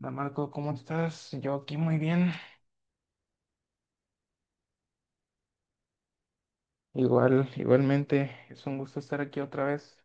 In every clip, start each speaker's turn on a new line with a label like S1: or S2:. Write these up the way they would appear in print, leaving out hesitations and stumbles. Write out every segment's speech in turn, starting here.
S1: Hola Marco, ¿cómo estás? Yo aquí muy bien. Igual, igualmente, es un gusto estar aquí otra vez.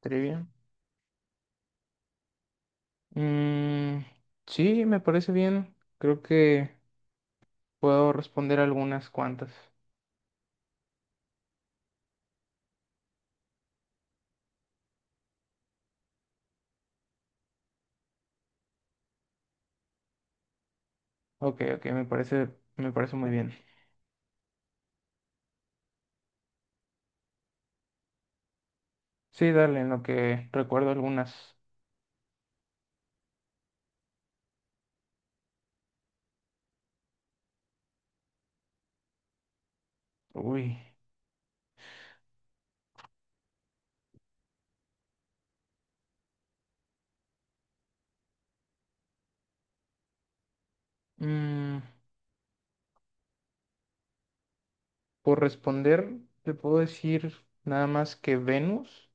S1: Trivia. Mm, sí, me parece bien. Creo que puedo responder algunas cuantas. Ok, ok, me parece muy bien. Sí, dale, en lo que recuerdo algunas. Uy. Mm, por responder, te puedo decir nada más que Venus.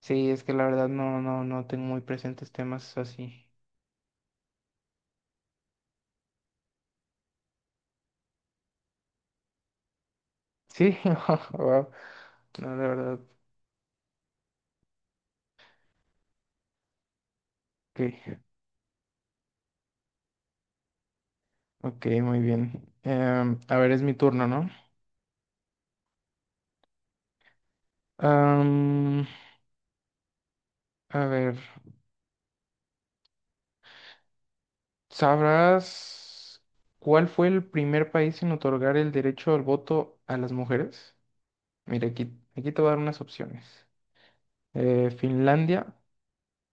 S1: Sí, es que la verdad no, no, no tengo muy presentes temas así. Sí, wow. No, la verdad. Ok, ok, muy bien. A ver, es mi turno, ¿no? Am, a ver, ¿sabrás cuál fue el primer país en otorgar el derecho al voto a las mujeres? Mira, aquí te voy a dar unas opciones. Finlandia,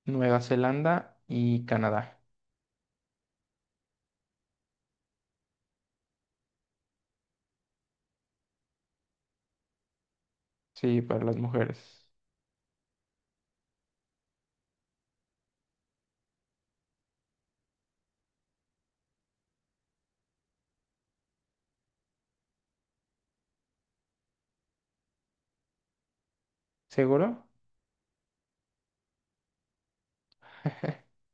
S1: Nueva Zelanda y Canadá. Sí, para las mujeres. ¿Seguro?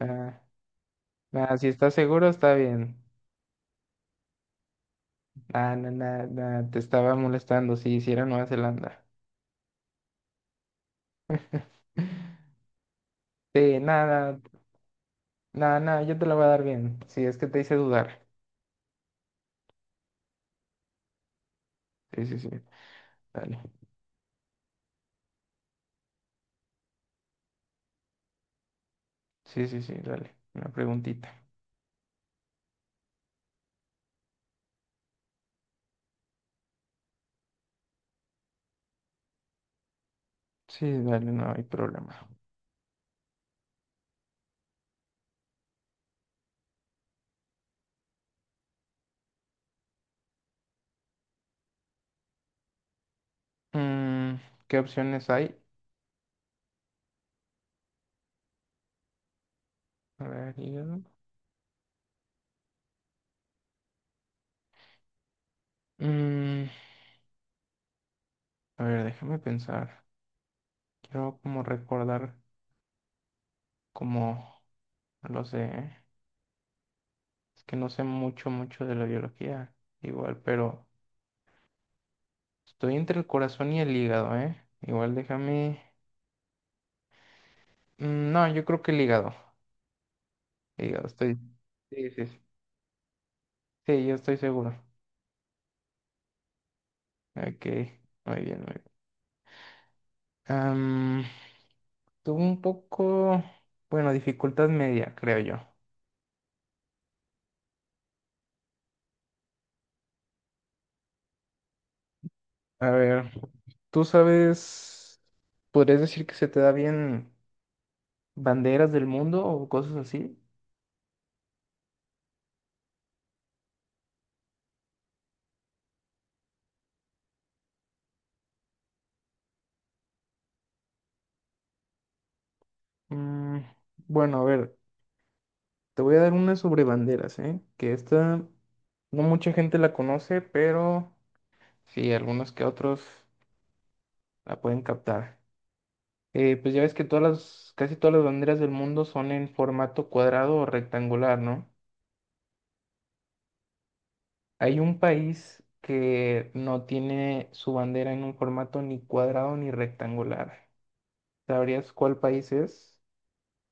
S1: Ah, nada. Si estás seguro, está bien. Ah, no, nada, nada, te estaba molestando, sí, sí era Nueva Zelanda. Sí, nada, nada, nada, yo te la voy a dar bien. Sí, es que te hice dudar. Sí, sí, sí, dale. Sí, sí, sí, dale. Una preguntita. Sí, dale, no hay problema. Mm, ¿Qué opciones hay? A ver, Mm, a ver, déjame pensar. Quiero como recordar como, no lo sé, ¿eh? Es que no sé mucho, mucho de la biología, igual, pero... Estoy entre el corazón y el hígado, ¿eh? Igual déjame... Mm, no, yo creo que el hígado. El hígado, estoy... Sí, sí, sí. Sí, yo estoy seguro. Ok, muy bien, muy bien. Am, Tuve un poco... Bueno, dificultad media, creo yo. A ver, ¿tú sabes... ¿Podrías decir que se te da bien banderas del mundo o cosas así? Mm, bueno, a ver, te voy a dar una sobre banderas, ¿eh? Que esta no mucha gente la conoce, pero... Sí, algunos que otros la pueden captar. Pues ya ves que casi todas las banderas del mundo son en formato cuadrado o rectangular, ¿no? Hay un país que no tiene su bandera en un formato ni cuadrado ni rectangular. ¿Sabrías cuál país es?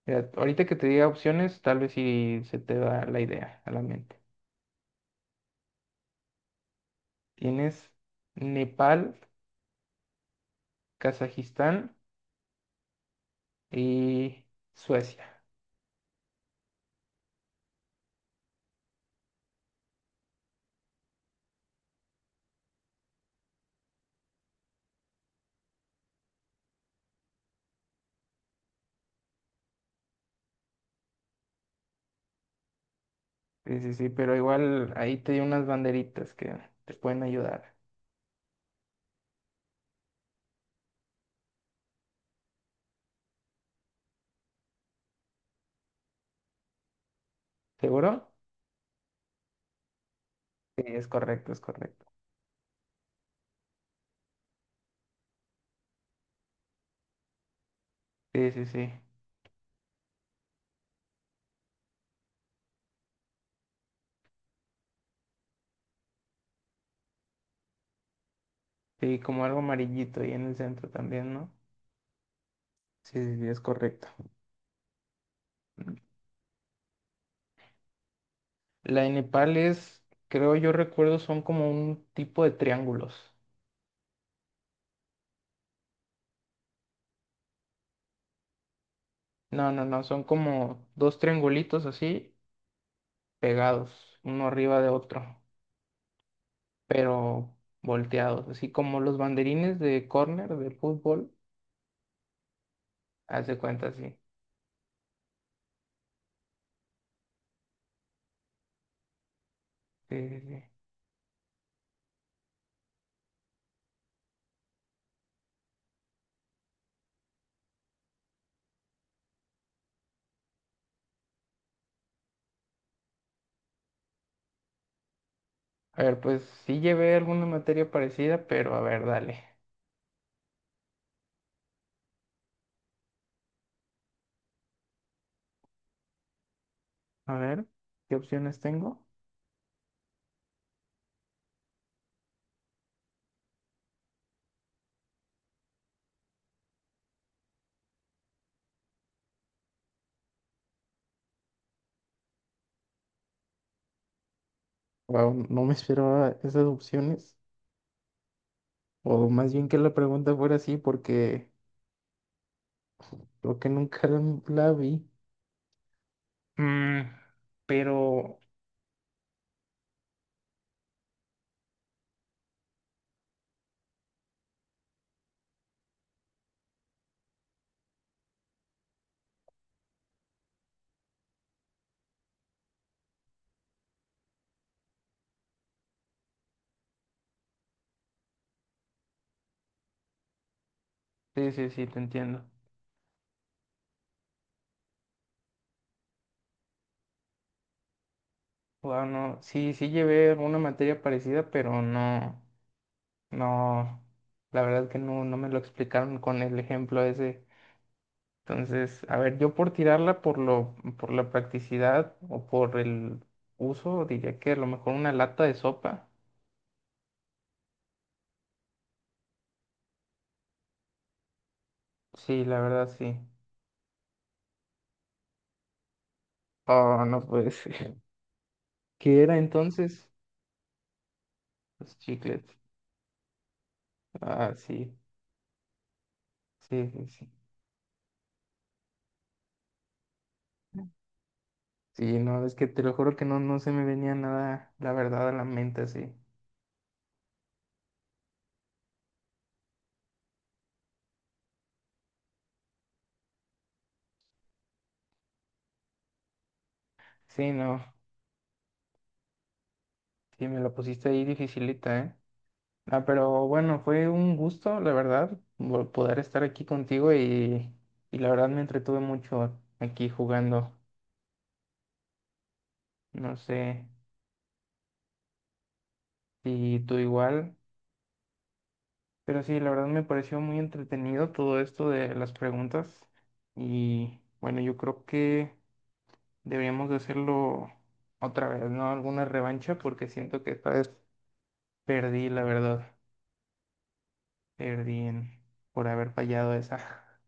S1: Mira, ahorita que te diga opciones, tal vez si se te da la idea a la mente. Tienes Nepal, Kazajistán y Suecia. Sí, sí, sí, pero igual ahí te di unas banderitas que te pueden ayudar. ¿Seguro? Sí, es correcto, es correcto. Sí, sí, sí. Sí, como algo amarillito ahí en el centro también, ¿no? Sí, sí, sí, es correcto. La de Nepal es, creo yo recuerdo, son como un tipo de triángulos. No, no, no, son como dos triangulitos así, pegados, uno arriba de otro, pero volteados, así como los banderines de córner de fútbol, haz de cuenta, sí. Sí, sí, sí. A ver, pues sí llevé alguna materia parecida, pero a ver, dale. A ver, ¿qué opciones tengo? Wow, no me esperaba esas opciones. O más bien que la pregunta fuera así, porque creo que nunca la vi. Mm, pero sí, sí, sí, te entiendo. Wow, no, sí, sí llevé alguna materia parecida, pero no, no, la verdad que no, no me lo explicaron con el ejemplo ese. Entonces, a ver, yo por tirarla por la practicidad o por el uso, diría que a lo mejor una lata de sopa. Sí, la verdad sí. Oh, no puede ser. ¿Qué era entonces? Los chicles. Ah, sí, sí, sí, sí. Sí, no, es que te lo juro que no, no se me venía nada, la verdad, a la mente así. Sí, no, sí, me la pusiste ahí dificilita, ¿eh? Ah, pero bueno, fue un gusto, la verdad, poder estar aquí contigo y la verdad me entretuve mucho aquí jugando. No sé si tú igual, pero sí, la verdad me pareció muy entretenido todo esto de las preguntas y bueno, yo creo que deberíamos de hacerlo otra vez, ¿no? Alguna revancha porque siento que esta vez perdí, la verdad, perdí en- por haber fallado esa.